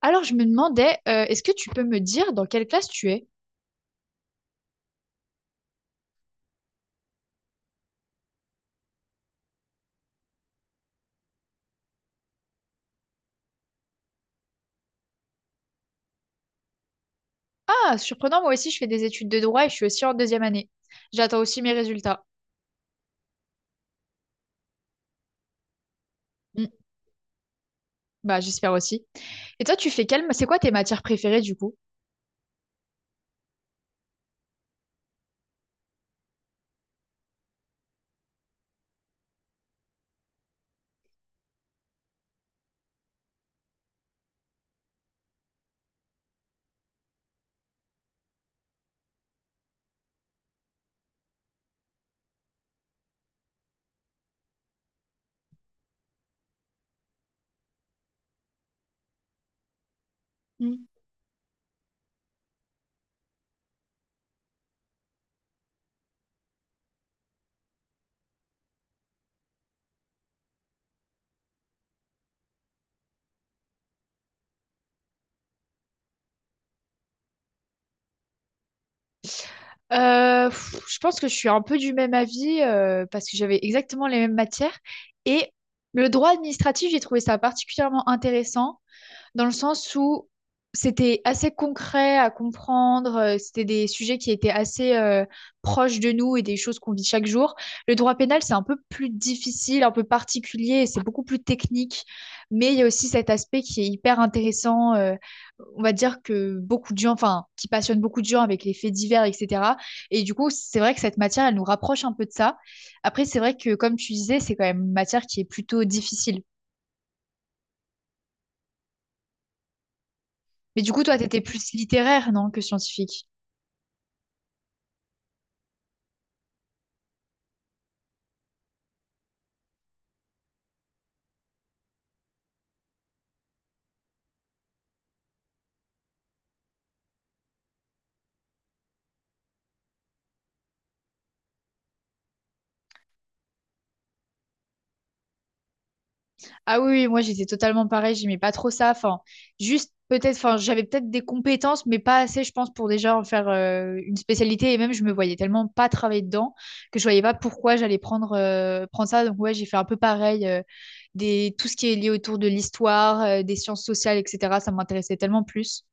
Alors, je me demandais, est-ce que tu peux me dire dans quelle classe tu es? Ah, surprenant, moi aussi, je fais des études de droit et je suis aussi en deuxième année. J'attends aussi mes résultats. Hmm, bah, j'espère aussi. Et toi, tu fais quelle... C'est quoi tes matières préférées, du coup? Hmm. Je pense que je suis un peu du même avis parce que j'avais exactement les mêmes matières. Et le droit administratif, j'ai trouvé ça particulièrement intéressant dans le sens où c'était assez concret à comprendre, c'était des sujets qui étaient assez proches de nous et des choses qu'on vit chaque jour. Le droit pénal, c'est un peu plus difficile, un peu particulier, et c'est beaucoup plus technique, mais il y a aussi cet aspect qui est hyper intéressant, on va dire que beaucoup de gens, enfin, qui passionne beaucoup de gens avec les faits divers, etc. Et du coup, c'est vrai que cette matière, elle nous rapproche un peu de ça. Après, c'est vrai que, comme tu disais, c'est quand même une matière qui est plutôt difficile. Mais du coup, toi, tu étais plus littéraire, non, que scientifique. Ah oui, oui, moi j'étais totalement pareil, j'aimais pas trop ça. Enfin, juste peut-être, enfin, j'avais peut-être des compétences, mais pas assez, je pense, pour déjà en faire une spécialité. Et même, je me voyais tellement pas travailler dedans que je voyais pas pourquoi j'allais prendre ça. Donc, ouais, j'ai fait un peu pareil. Des, tout ce qui est lié autour de l'histoire, des sciences sociales, etc., ça m'intéressait tellement plus.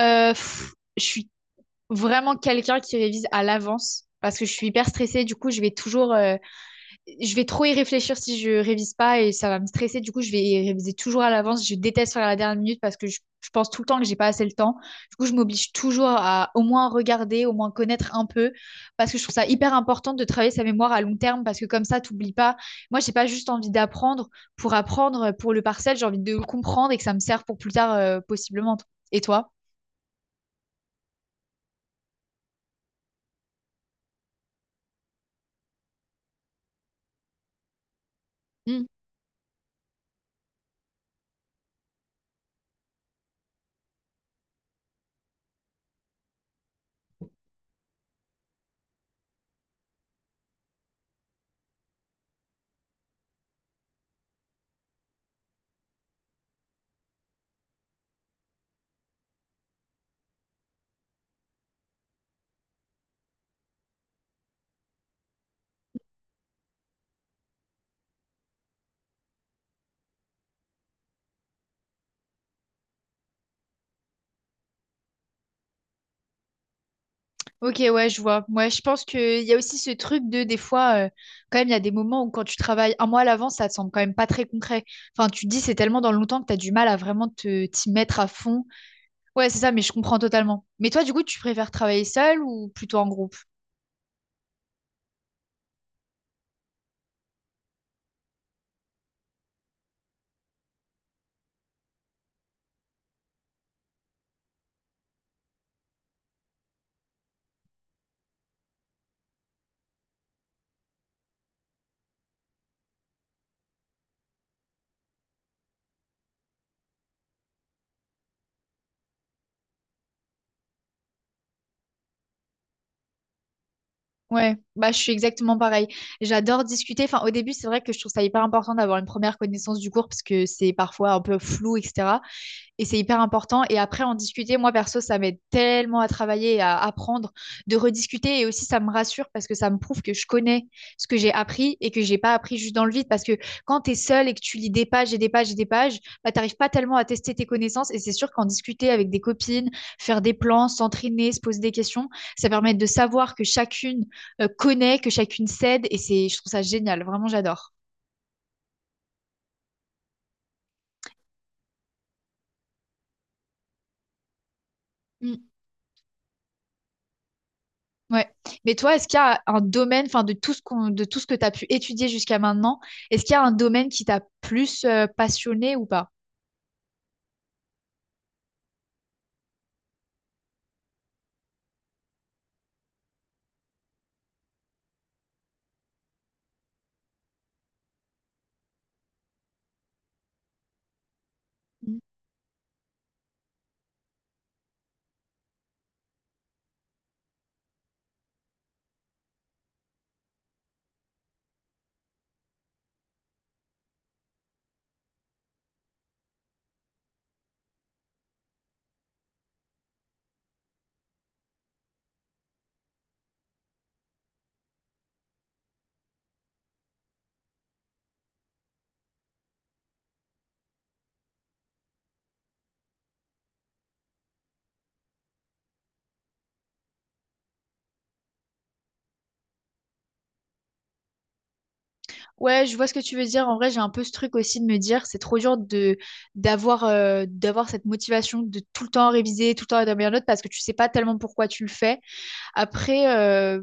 Je suis vraiment quelqu'un qui révise à l'avance parce que je suis hyper stressée. Du coup, je vais toujours. Je vais trop y réfléchir si je révise pas et ça va me stresser. Du coup, je vais y réviser toujours à l'avance. Je déteste faire à la dernière minute parce que je pense tout le temps que j'ai pas assez le temps. Du coup, je m'oblige toujours à au moins regarder, au moins connaître un peu parce que je trouve ça hyper important de travailler sa mémoire à long terme parce que comme ça, t'oublies pas. Moi, j'ai pas juste envie d'apprendre pour apprendre pour le parcel. J'ai envie de le comprendre et que ça me serve pour plus tard, possiblement. Et toi? Mm. Ok, ouais, je vois. Moi, je pense qu'il y a aussi ce truc de, des fois, quand même, il y a des moments où quand tu travailles un mois à l'avance, ça te semble quand même pas très concret. Enfin, tu te dis, c'est tellement dans le longtemps que tu as du mal à vraiment t'y mettre à fond. Ouais, c'est ça, mais je comprends totalement. Mais toi, du coup, tu préfères travailler seul ou plutôt en groupe? Ouais, bah, je suis exactement pareil. J'adore discuter. Enfin, au début, c'est vrai que je trouve ça hyper important d'avoir une première connaissance du cours parce que c'est parfois un peu flou, etc. Et c'est hyper important. Et après, en discuter, moi perso, ça m'aide tellement à travailler et à apprendre, de rediscuter. Et aussi, ça me rassure parce que ça me prouve que je connais ce que j'ai appris et que j'ai pas appris juste dans le vide. Parce que quand tu es seul et que tu lis des pages et des pages et des pages, bah, tu n'arrives pas tellement à tester tes connaissances. Et c'est sûr qu'en discuter avec des copines, faire des plans, s'entraîner, se poser des questions, ça permet de savoir que chacune connaît, que chacune cède. Et c'est, je trouve ça génial. Vraiment, j'adore. Mm. Ouais. Mais toi, est-ce qu'il y a un domaine, enfin de tout de tout ce que tu as pu étudier jusqu'à maintenant, est-ce qu'il y a un domaine qui t'a plus passionné ou pas? Ouais, je vois ce que tu veux dire. En vrai, j'ai un peu ce truc aussi de me dire, c'est trop dur de d'avoir cette motivation de tout le temps réviser, tout le temps être la meilleure note parce que tu sais pas tellement pourquoi tu le fais. Après,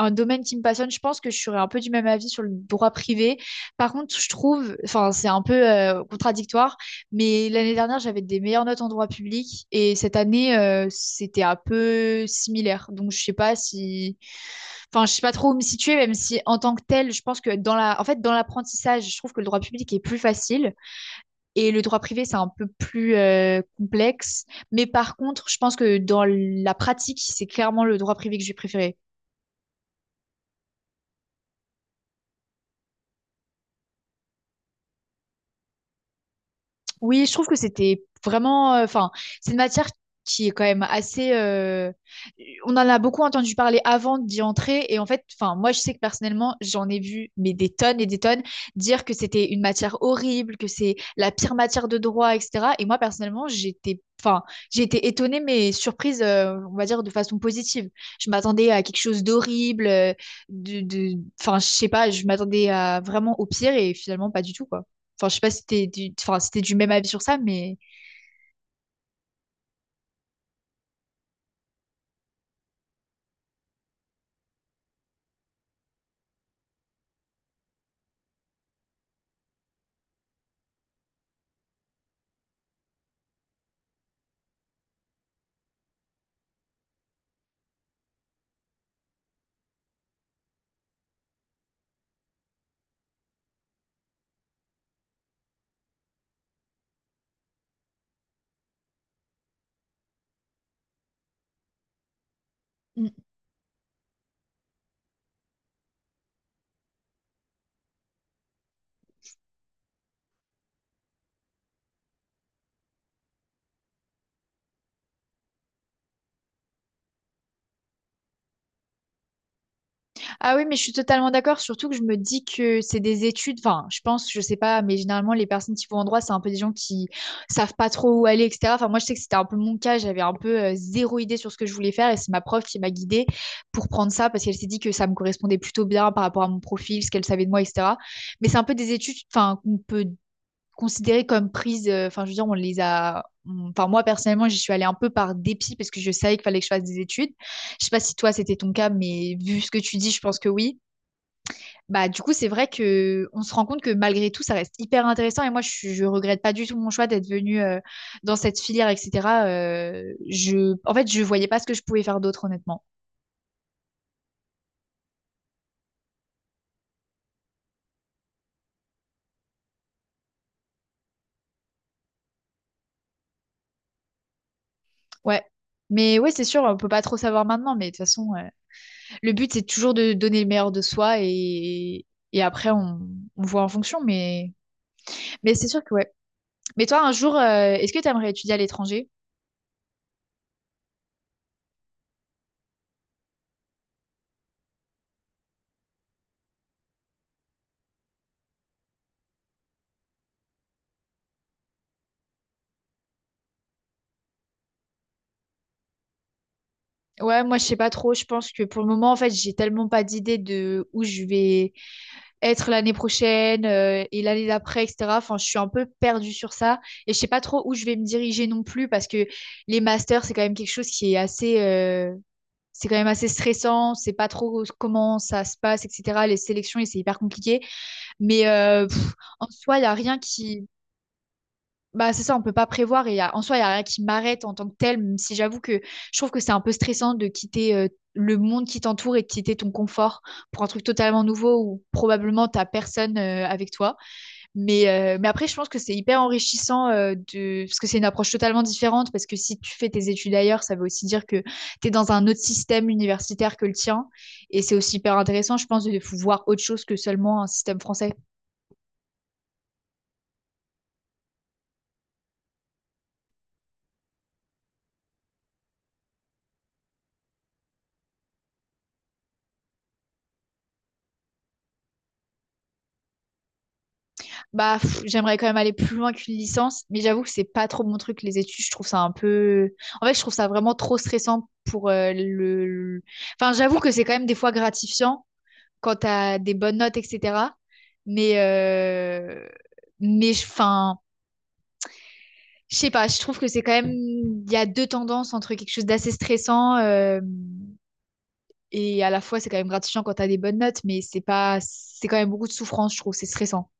un domaine qui me passionne, je pense que je serais un peu du même avis sur le droit privé. Par contre, je trouve, enfin, c'est un peu contradictoire, mais l'année dernière, j'avais des meilleures notes en droit public et cette année, c'était un peu similaire. Donc, je sais pas si, enfin, je sais pas trop où me situer, même si en tant que tel, je pense que dans en fait, dans l'apprentissage, je trouve que le droit public est plus facile et le droit privé, c'est un peu plus complexe. Mais par contre, je pense que dans la pratique, c'est clairement le droit privé que j'ai préféré. Oui, je trouve que c'était vraiment, enfin, c'est une matière qui est quand même assez. On en a beaucoup entendu parler avant d'y entrer, et en fait, enfin, moi, je sais que personnellement, j'en ai vu mais des tonnes et des tonnes dire que c'était une matière horrible, que c'est la pire matière de droit, etc. Et moi, personnellement, j'étais, enfin, j'ai été étonnée mais surprise, on va dire de façon positive. Je m'attendais à quelque chose d'horrible, enfin, je sais pas, je m'attendais à vraiment au pire et finalement pas du tout, quoi. Enfin, je sais pas si t'es du... Enfin, si t'es du même avis sur ça, mais... Mm. Ah oui, mais je suis totalement d'accord, surtout que je me dis que c'est des études, enfin, je pense, je sais pas, mais généralement, les personnes qui vont en droit, c'est un peu des gens qui savent pas trop où aller, etc. Enfin, moi, je sais que c'était un peu mon cas, j'avais un peu zéro idée sur ce que je voulais faire, et c'est ma prof qui m'a guidée pour prendre ça, parce qu'elle s'est dit que ça me correspondait plutôt bien par rapport à mon profil, ce qu'elle savait de moi, etc. Mais c'est un peu des études, enfin, qu'on peut considérées comme prises. Enfin, je veux dire, on les a. Enfin, moi, personnellement, j'y suis allée un peu par dépit parce que je savais qu'il fallait que je fasse des études. Je sais pas si toi, c'était ton cas, mais vu ce que tu dis, je pense que oui. Bah, du coup, c'est vrai que on se rend compte que malgré tout, ça reste hyper intéressant. Et moi, je regrette pas du tout mon choix d'être venue dans cette filière, etc. En fait, je voyais pas ce que je pouvais faire d'autre, honnêtement. Ouais. Mais ouais, c'est sûr, on peut pas trop savoir maintenant, mais de toute façon. Le but, c'est toujours de donner le meilleur de soi et après, on voit en fonction. Mais c'est sûr que ouais. Mais toi, un jour, est-ce que tu aimerais étudier à l'étranger? Ouais, moi, je sais pas trop. Je pense que pour le moment, en fait, j'ai tellement pas d'idée de où je vais être l'année prochaine et l'année d'après, etc. Enfin, je suis un peu perdue sur ça et je sais pas trop où je vais me diriger non plus parce que les masters, c'est quand même quelque chose qui est assez, c'est quand même assez stressant. C'est pas trop comment ça se passe, etc. Les sélections, et c'est hyper compliqué. Mais en soi, il n'y a rien qui... Bah, c'est ça, on peut pas prévoir. Et y a- en soi, il n'y a rien qui m'arrête en tant que tel, même si j'avoue que je trouve que c'est un peu stressant de quitter le monde qui t'entoure et de quitter ton confort pour un truc totalement nouveau où probablement t'as personne avec toi. Mais après, je pense que c'est hyper enrichissant de... parce que c'est une approche totalement différente. Parce que si tu fais tes études ailleurs, ça veut aussi dire que tu es dans un autre système universitaire que le tien. Et c'est aussi hyper intéressant, je pense, de voir autre chose que seulement un système français. Bah, pff, j'aimerais quand même aller plus loin qu'une licence, mais j'avoue que c'est pas trop mon truc, les études. Je trouve ça un peu. En fait, je trouve ça vraiment trop stressant pour Enfin, j'avoue que c'est quand même des fois gratifiant quand t'as des bonnes notes, etc. Mais. euh, enfin, je sais pas, je trouve que c'est quand même. Il y a deux tendances entre quelque chose d'assez stressant et à la fois, c'est quand même gratifiant quand t'as des bonnes notes, mais c'est pas. C'est quand même beaucoup de souffrance, je trouve, c'est stressant.